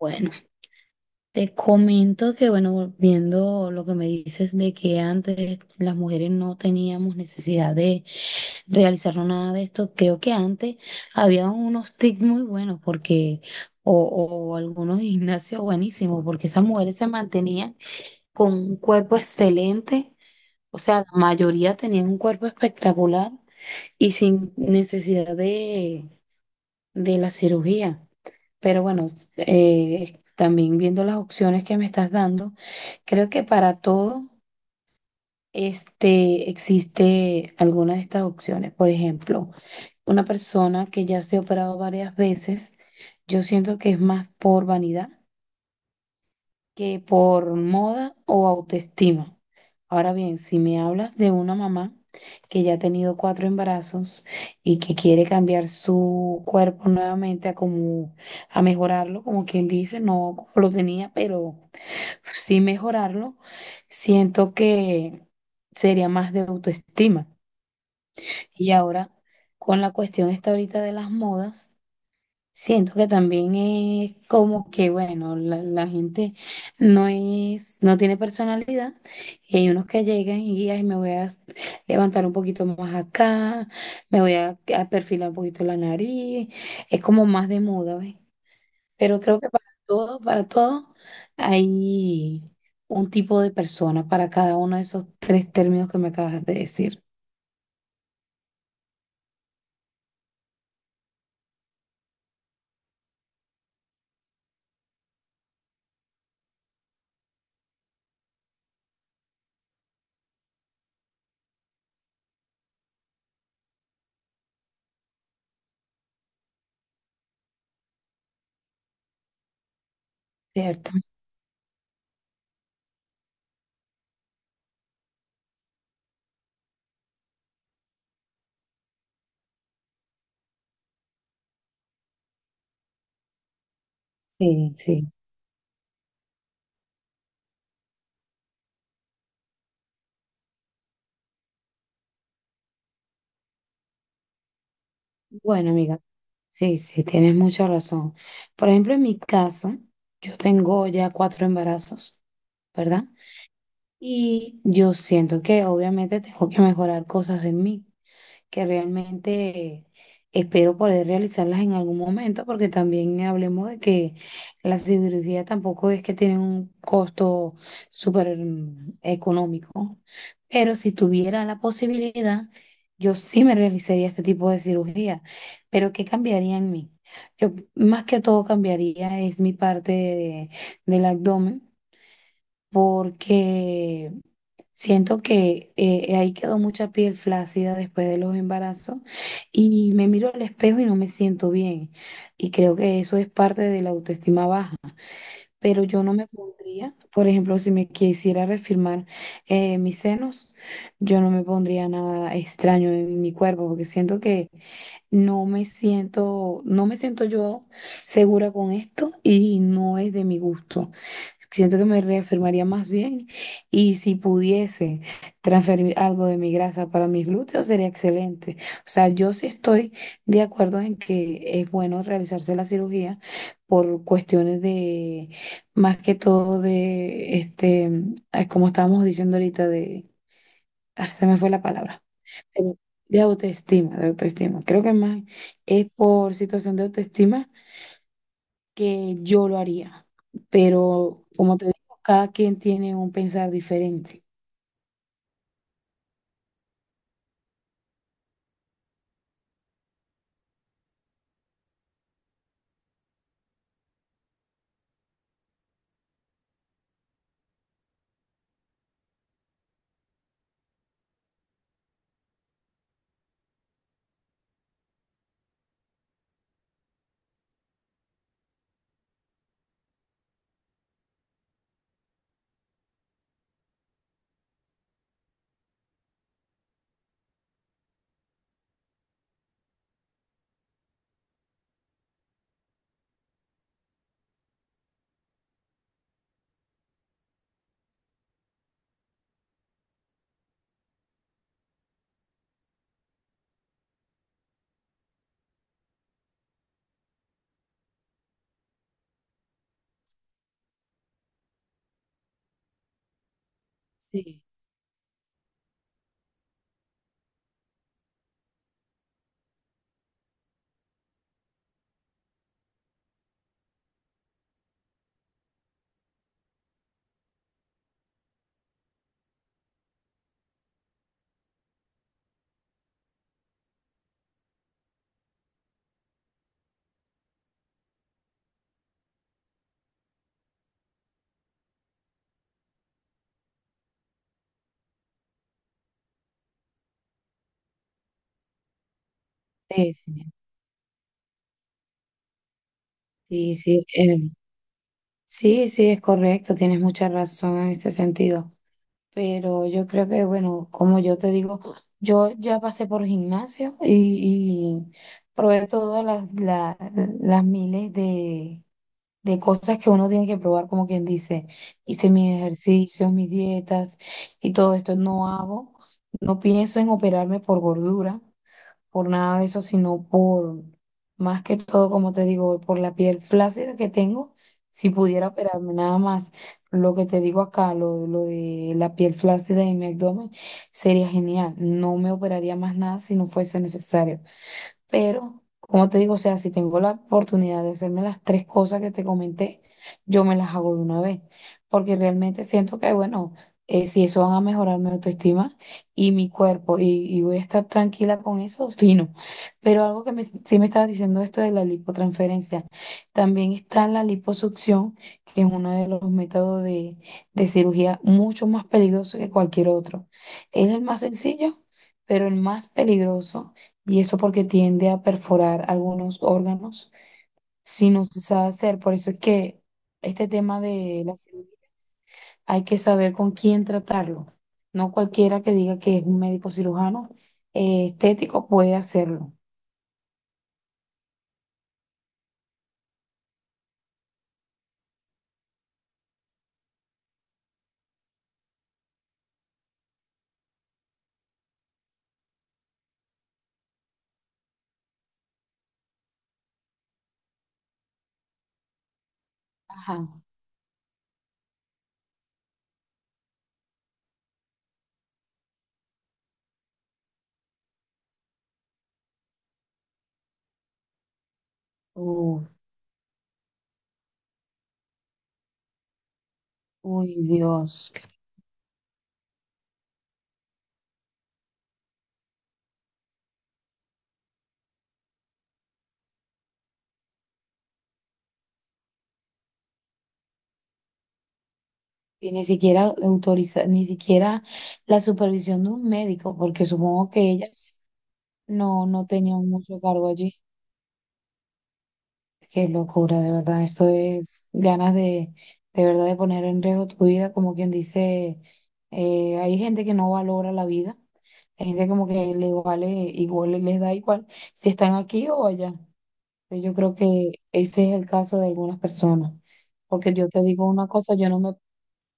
Bueno, te comento que, bueno, viendo lo que me dices de que antes las mujeres no teníamos necesidad de realizarnos nada de esto, creo que antes había unos tips muy buenos porque, o algunos gimnasios buenísimos, porque esas mujeres se mantenían con un cuerpo excelente, o sea, la mayoría tenían un cuerpo espectacular y sin necesidad de la cirugía. Pero bueno, también viendo las opciones que me estás dando, creo que para todo este, existe alguna de estas opciones. Por ejemplo, una persona que ya se ha operado varias veces, yo siento que es más por vanidad que por moda o autoestima. Ahora bien, si me hablas de una mamá que ya ha tenido cuatro embarazos y que quiere cambiar su cuerpo nuevamente a como a mejorarlo, como quien dice, no como lo tenía, pero sí mejorarlo, siento que sería más de autoestima. Y ahora con la cuestión esta ahorita de las modas. Siento que también es como que, bueno, la gente no es, no tiene personalidad y hay unos que llegan y ay, me voy a s- levantar un poquito más acá, me voy a perfilar un poquito la nariz, es como más de moda, ¿ves? Pero creo que para todo hay un tipo de persona para cada uno de esos tres términos que me acabas de decir, ¿cierto? Sí, sí. Bueno, amiga, sí, sí, tienes mucha razón. Por ejemplo, en mi caso, yo tengo ya cuatro embarazos, ¿verdad? Y yo siento que obviamente tengo que mejorar cosas en mí que realmente espero poder realizarlas en algún momento, porque también hablemos de que la cirugía tampoco es que tiene un costo súper económico, pero si tuviera la posibilidad, yo sí me realizaría este tipo de cirugía, pero ¿qué cambiaría en mí? Yo más que todo cambiaría es mi parte de- del abdomen, porque... Siento que ahí quedó mucha piel flácida después de los embarazos y me miro al espejo y no me siento bien. Y creo que eso es parte de la autoestima baja. Pero yo no me pondría, por ejemplo, si me quisiera reafirmar mis senos, yo no me pondría nada extraño en mi cuerpo porque siento que no me siento, no me siento yo segura con esto y no es de mi gusto. Siento que me reafirmaría más bien y si pudiese transferir algo de mi grasa para mis glúteos sería excelente. O sea, yo sí estoy de acuerdo en que es bueno realizarse la cirugía por cuestiones de, más que todo de, este, ay, como estábamos diciendo ahorita, de, ah, se me fue la palabra em, de autoestima, de autoestima. Creo que más es por situación de autoestima que yo lo haría. Pero como te digo, cada quien tiene un pensar diferente. Sí, sí, sí, sí, sí, sí, sí, es correcto, tienes mucha razón en este sentido, pero yo creo que, bueno, como yo te digo, yo ya pasé por gimnasio y probé todas las, la- las miles de cosas que uno tiene que probar, como quien dice, hice mis ejercicios, mis dietas y todo esto. No hago, no pienso en operarme por gordura, por nada de eso, sino por, más que todo, como te digo, por la piel flácida que tengo, si pudiera operarme nada más. Lo que te digo acá, lo de la piel flácida en mi abdomen, sería genial. No me operaría más nada si no fuese necesario. Pero, como te digo, o sea, si tengo la oportunidad de hacerme las tres cosas que te comenté, yo me las hago de una vez, porque realmente siento que, bueno, si eso van a mejorar mi autoestima y mi cuerpo y voy a estar tranquila con eso, fino. Pero algo que me, sí me estabas diciendo esto de la lipotransferencia, también está la liposucción, que es uno de los métodos de cirugía mucho más peligroso que cualquier otro. Es el más sencillo, pero el más peligroso y eso porque tiende a perforar algunos órganos si no se sabe hacer. Por eso es que este tema de la cirugía hay que saber con quién tratarlo. No cualquiera que diga que es un médico cirujano estético puede hacerlo. Ajá. Uh, uy, Dios. Y ni siquiera autoriza, ni siquiera la supervisión de un médico, porque supongo que ellas no, no tenían mucho cargo allí. Qué locura, de verdad. Esto es ganas de verdad, de poner en riesgo tu vida. Como quien dice, hay gente que no valora la vida. Hay gente como que le vale igual, les da igual si están aquí o allá. Entonces, yo creo que ese es el caso de algunas personas. Porque yo te digo una cosa,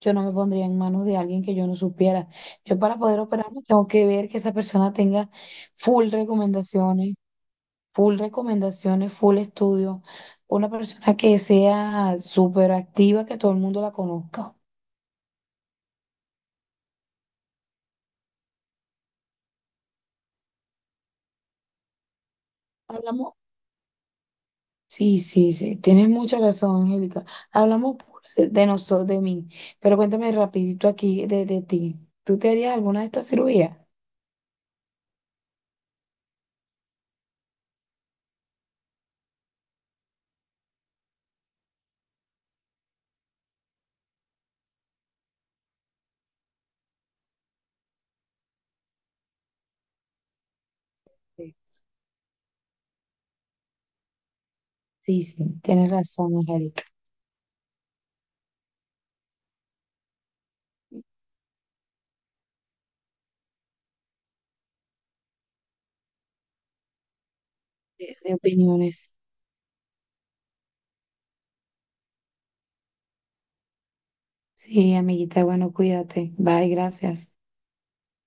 yo no me pondría en manos de alguien que yo no supiera. Yo para poder operarme tengo que ver que esa persona tenga full recomendaciones full recomendaciones, full estudio, una persona que sea súper activa, que todo el mundo la conozca. Hablamos, sí, sí, sí, tienes mucha razón, Angélica. Hablamos de nosotros, de mí, pero cuéntame rapidito aquí de ti. ¿Tú te harías alguna de estas cirugías? Sí. Sí, sí, tienes razón, Angélica, de opiniones. Sí, amiguita, bueno, cuídate. Bye, gracias.